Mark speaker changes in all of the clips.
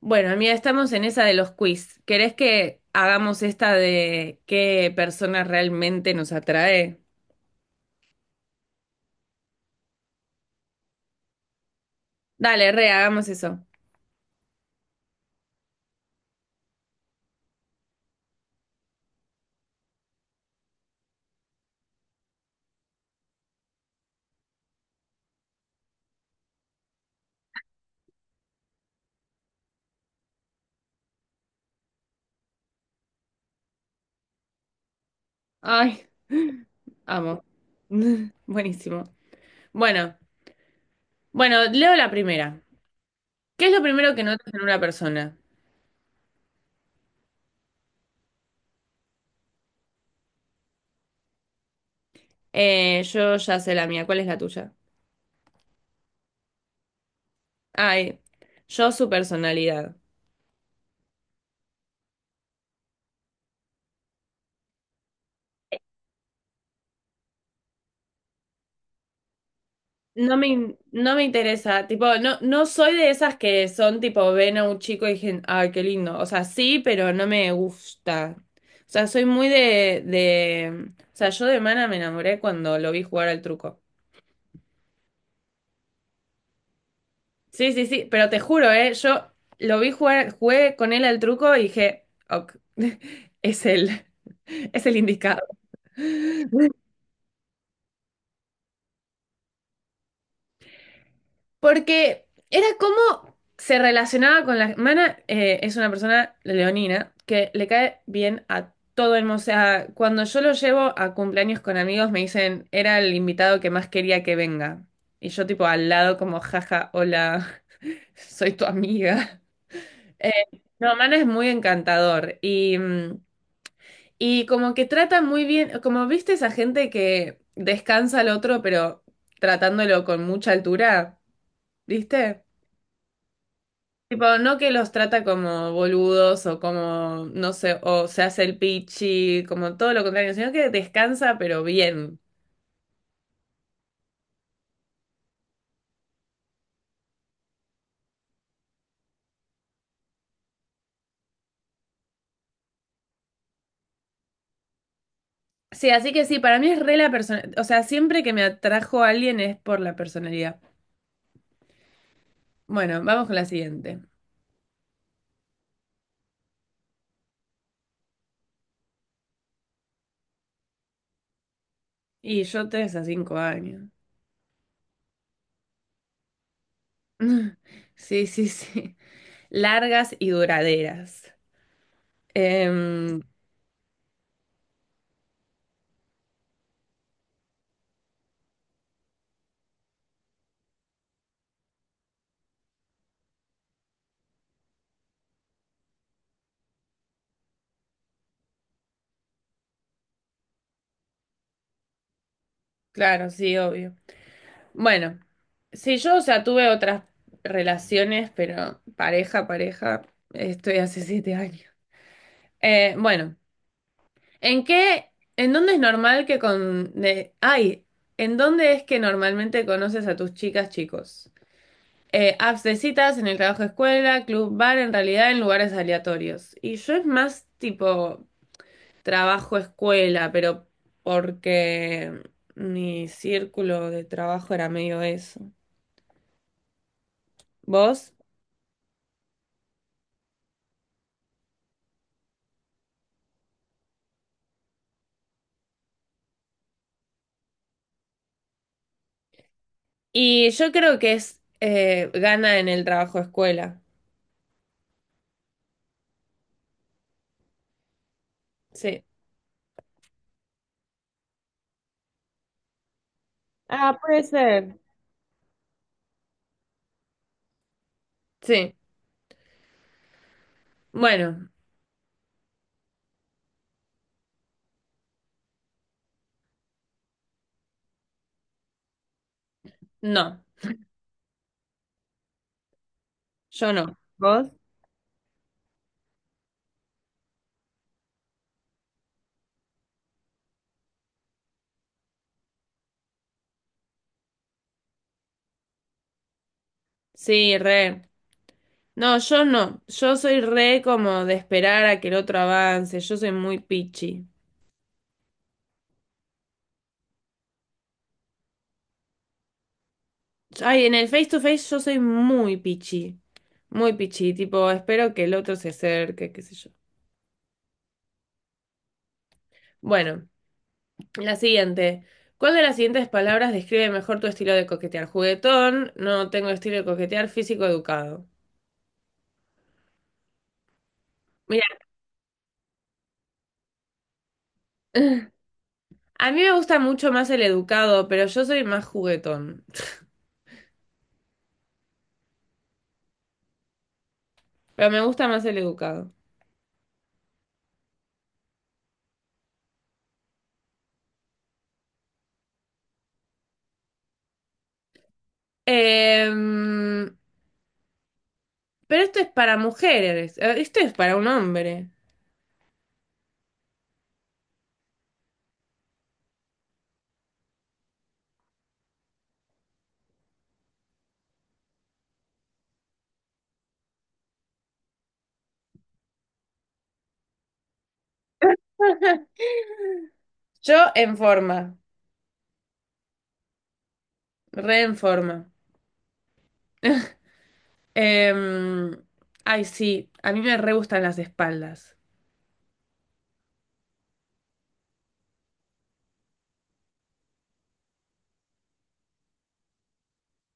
Speaker 1: Bueno, mira, estamos en esa de los quiz. ¿Querés que hagamos esta de qué persona realmente nos atrae? Dale, re, hagamos eso. Ay, amo. Buenísimo. Bueno, bueno, leo la primera. ¿Qué es lo primero que notas en una persona? Yo ya sé la mía, ¿cuál es la tuya? Ay, yo su personalidad. No me interesa, tipo, no, no soy de esas que son tipo, ven a un chico y dicen, ay, qué lindo. O sea, sí, pero no me gusta. O sea, soy muy de. O sea, yo de Mana me enamoré cuando lo vi jugar al truco. Sí, sí, sí, pero te juro, yo lo vi jugar, jugué con él al truco y dije, ok, es él, es el indicado. Porque era como se relacionaba con la... Mana es una persona leonina que le cae bien a todo el mundo. O sea, cuando yo lo llevo a cumpleaños con amigos me dicen, era el invitado que más quería que venga. Y yo tipo al lado como, jaja, hola, soy tu amiga. Eh, no, Mana es muy encantador y, y como que trata muy bien, como viste esa gente que descansa al otro pero tratándolo con mucha altura, ¿viste? Tipo, no que los trata como boludos o como, no sé, o se hace el pichi, como todo lo contrario, sino que descansa pero bien. Sí, así que sí, para mí es re la persona, o sea, siempre que me atrajo a alguien es por la personalidad. Bueno, vamos con la siguiente. Y yo tres a cinco años. Sí, sí, sí. Largas y duraderas. Em, claro, sí, obvio. Bueno, sí, yo, o sea, tuve otras relaciones, pero pareja, pareja, estoy hace siete años. Bueno, ¿en qué, en dónde es normal que ¿en dónde es que normalmente conoces a tus chicas, chicos? Apps de citas, en el trabajo, escuela, club, bar, en realidad en lugares aleatorios. Y yo es más tipo trabajo, escuela, pero porque mi círculo de trabajo era medio eso. ¿Vos? Y yo creo que es gana en el trabajo escuela. Sí. Ah, puede ser. Sí. Bueno, no, yo no. ¿Vos? Sí, re. No, yo no. Yo soy re como de esperar a que el otro avance. Yo soy muy pichi. Ay, en el face to face yo soy muy pichi. Muy pichi. Tipo, espero que el otro se acerque, qué sé yo. Bueno. La siguiente. ¿Cuál de las siguientes palabras describe mejor tu estilo de coquetear? Juguetón, no tengo estilo de coquetear, físico educado. Mira, a mí me gusta mucho más el educado, pero yo soy más juguetón. Pero me gusta más el educado. Em, pero esto es para mujeres, esto es para un hombre. Yo en forma, re en forma. Em, ay, sí, a mí me re gustan las espaldas.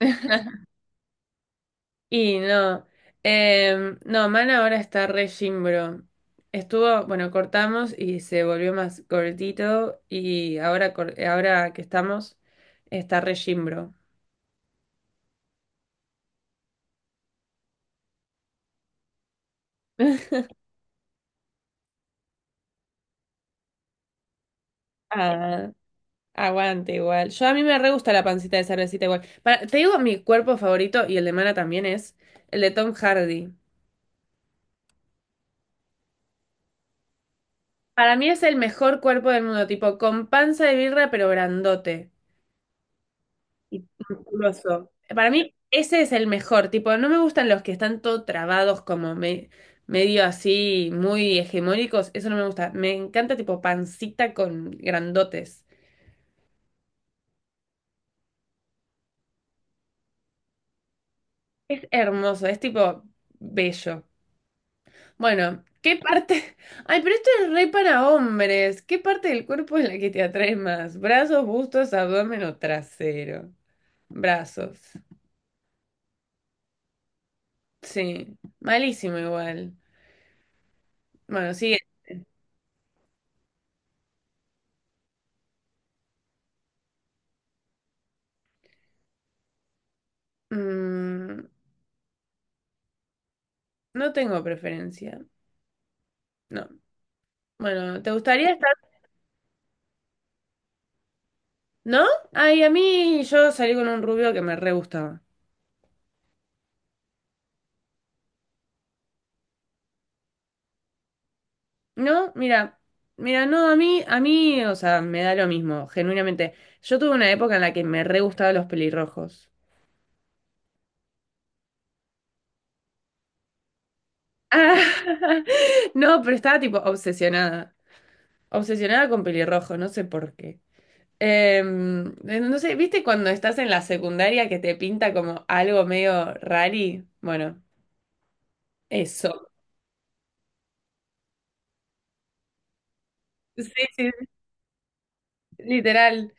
Speaker 1: Y no, no, Man ahora está re Jimbro. Estuvo, bueno, cortamos y se volvió más cortito y ahora, ahora que estamos, está re Jimbro. Ah, aguante igual. Yo a mí me re gusta la pancita de cervecita igual. Te digo, mi cuerpo favorito y el de Mana también es el de Tom Hardy. Para mí es el mejor cuerpo del mundo, tipo con panza de birra pero grandote y musculoso. Para mí, ese es el mejor. Tipo, no me gustan los que están todo trabados, medio así, muy hegemónicos. Eso no me gusta. Me encanta, tipo, pancita con grandotes. Es hermoso, es tipo bello. Bueno, ¿qué parte? Ay, pero esto es re para hombres. ¿Qué parte del cuerpo es la que te atrae más? ¿Brazos, bustos, abdomen o trasero? Brazos. Sí. Malísimo igual. Bueno, sigue. Mm, No tengo preferencia. No. Bueno, ¿te gustaría estar? ¿No? Ay, a mí yo salí con un rubio que me re gustaba. No, mira, no, a mí, o sea, me da lo mismo, genuinamente. Yo tuve una época en la que me re gustaban los pelirrojos. Ah, no, pero estaba tipo obsesionada. Obsesionada con pelirrojos, no sé por qué. No sé, ¿viste cuando estás en la secundaria que te pinta como algo medio rari? Bueno, eso. Sí, sí, literal.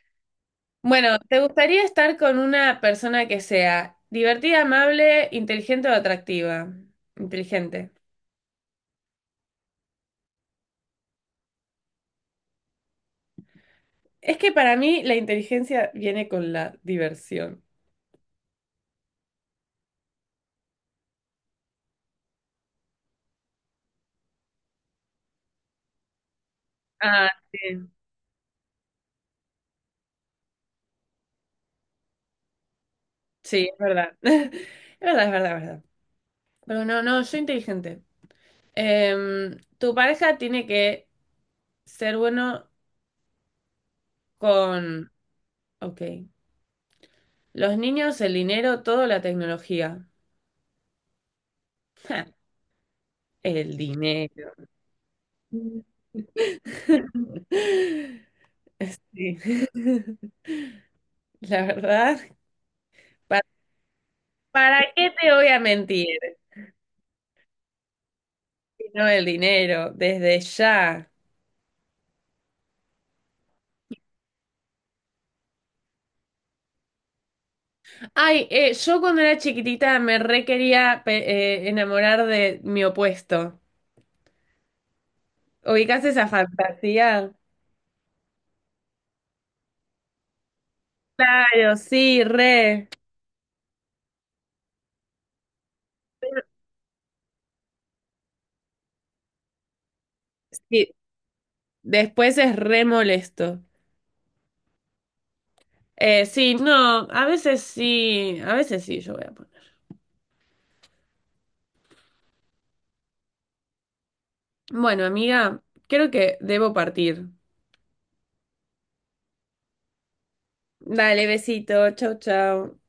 Speaker 1: Bueno, ¿te gustaría estar con una persona que sea divertida, amable, inteligente o atractiva? Inteligente. Es que para mí la inteligencia viene con la diversión. Ah, sí. Sí, es verdad. Es verdad, es verdad, es verdad. Pero no, no, yo inteligente. Tu pareja tiene que ser bueno con, ok, los niños, el dinero, toda la tecnología. Ja, el dinero. Sí. La verdad, pa- ¿para, qué te voy a mentir? No el dinero, desde ya. Ay, yo cuando era chiquitita me re quería enamorar de mi opuesto. ¿Ubicás esa fantasía? Claro, sí, re. Sí, después es re molesto. Sí, no, a veces sí, yo voy a poner. Bueno, amiga, creo que debo partir. Dale, besito, chau, chau.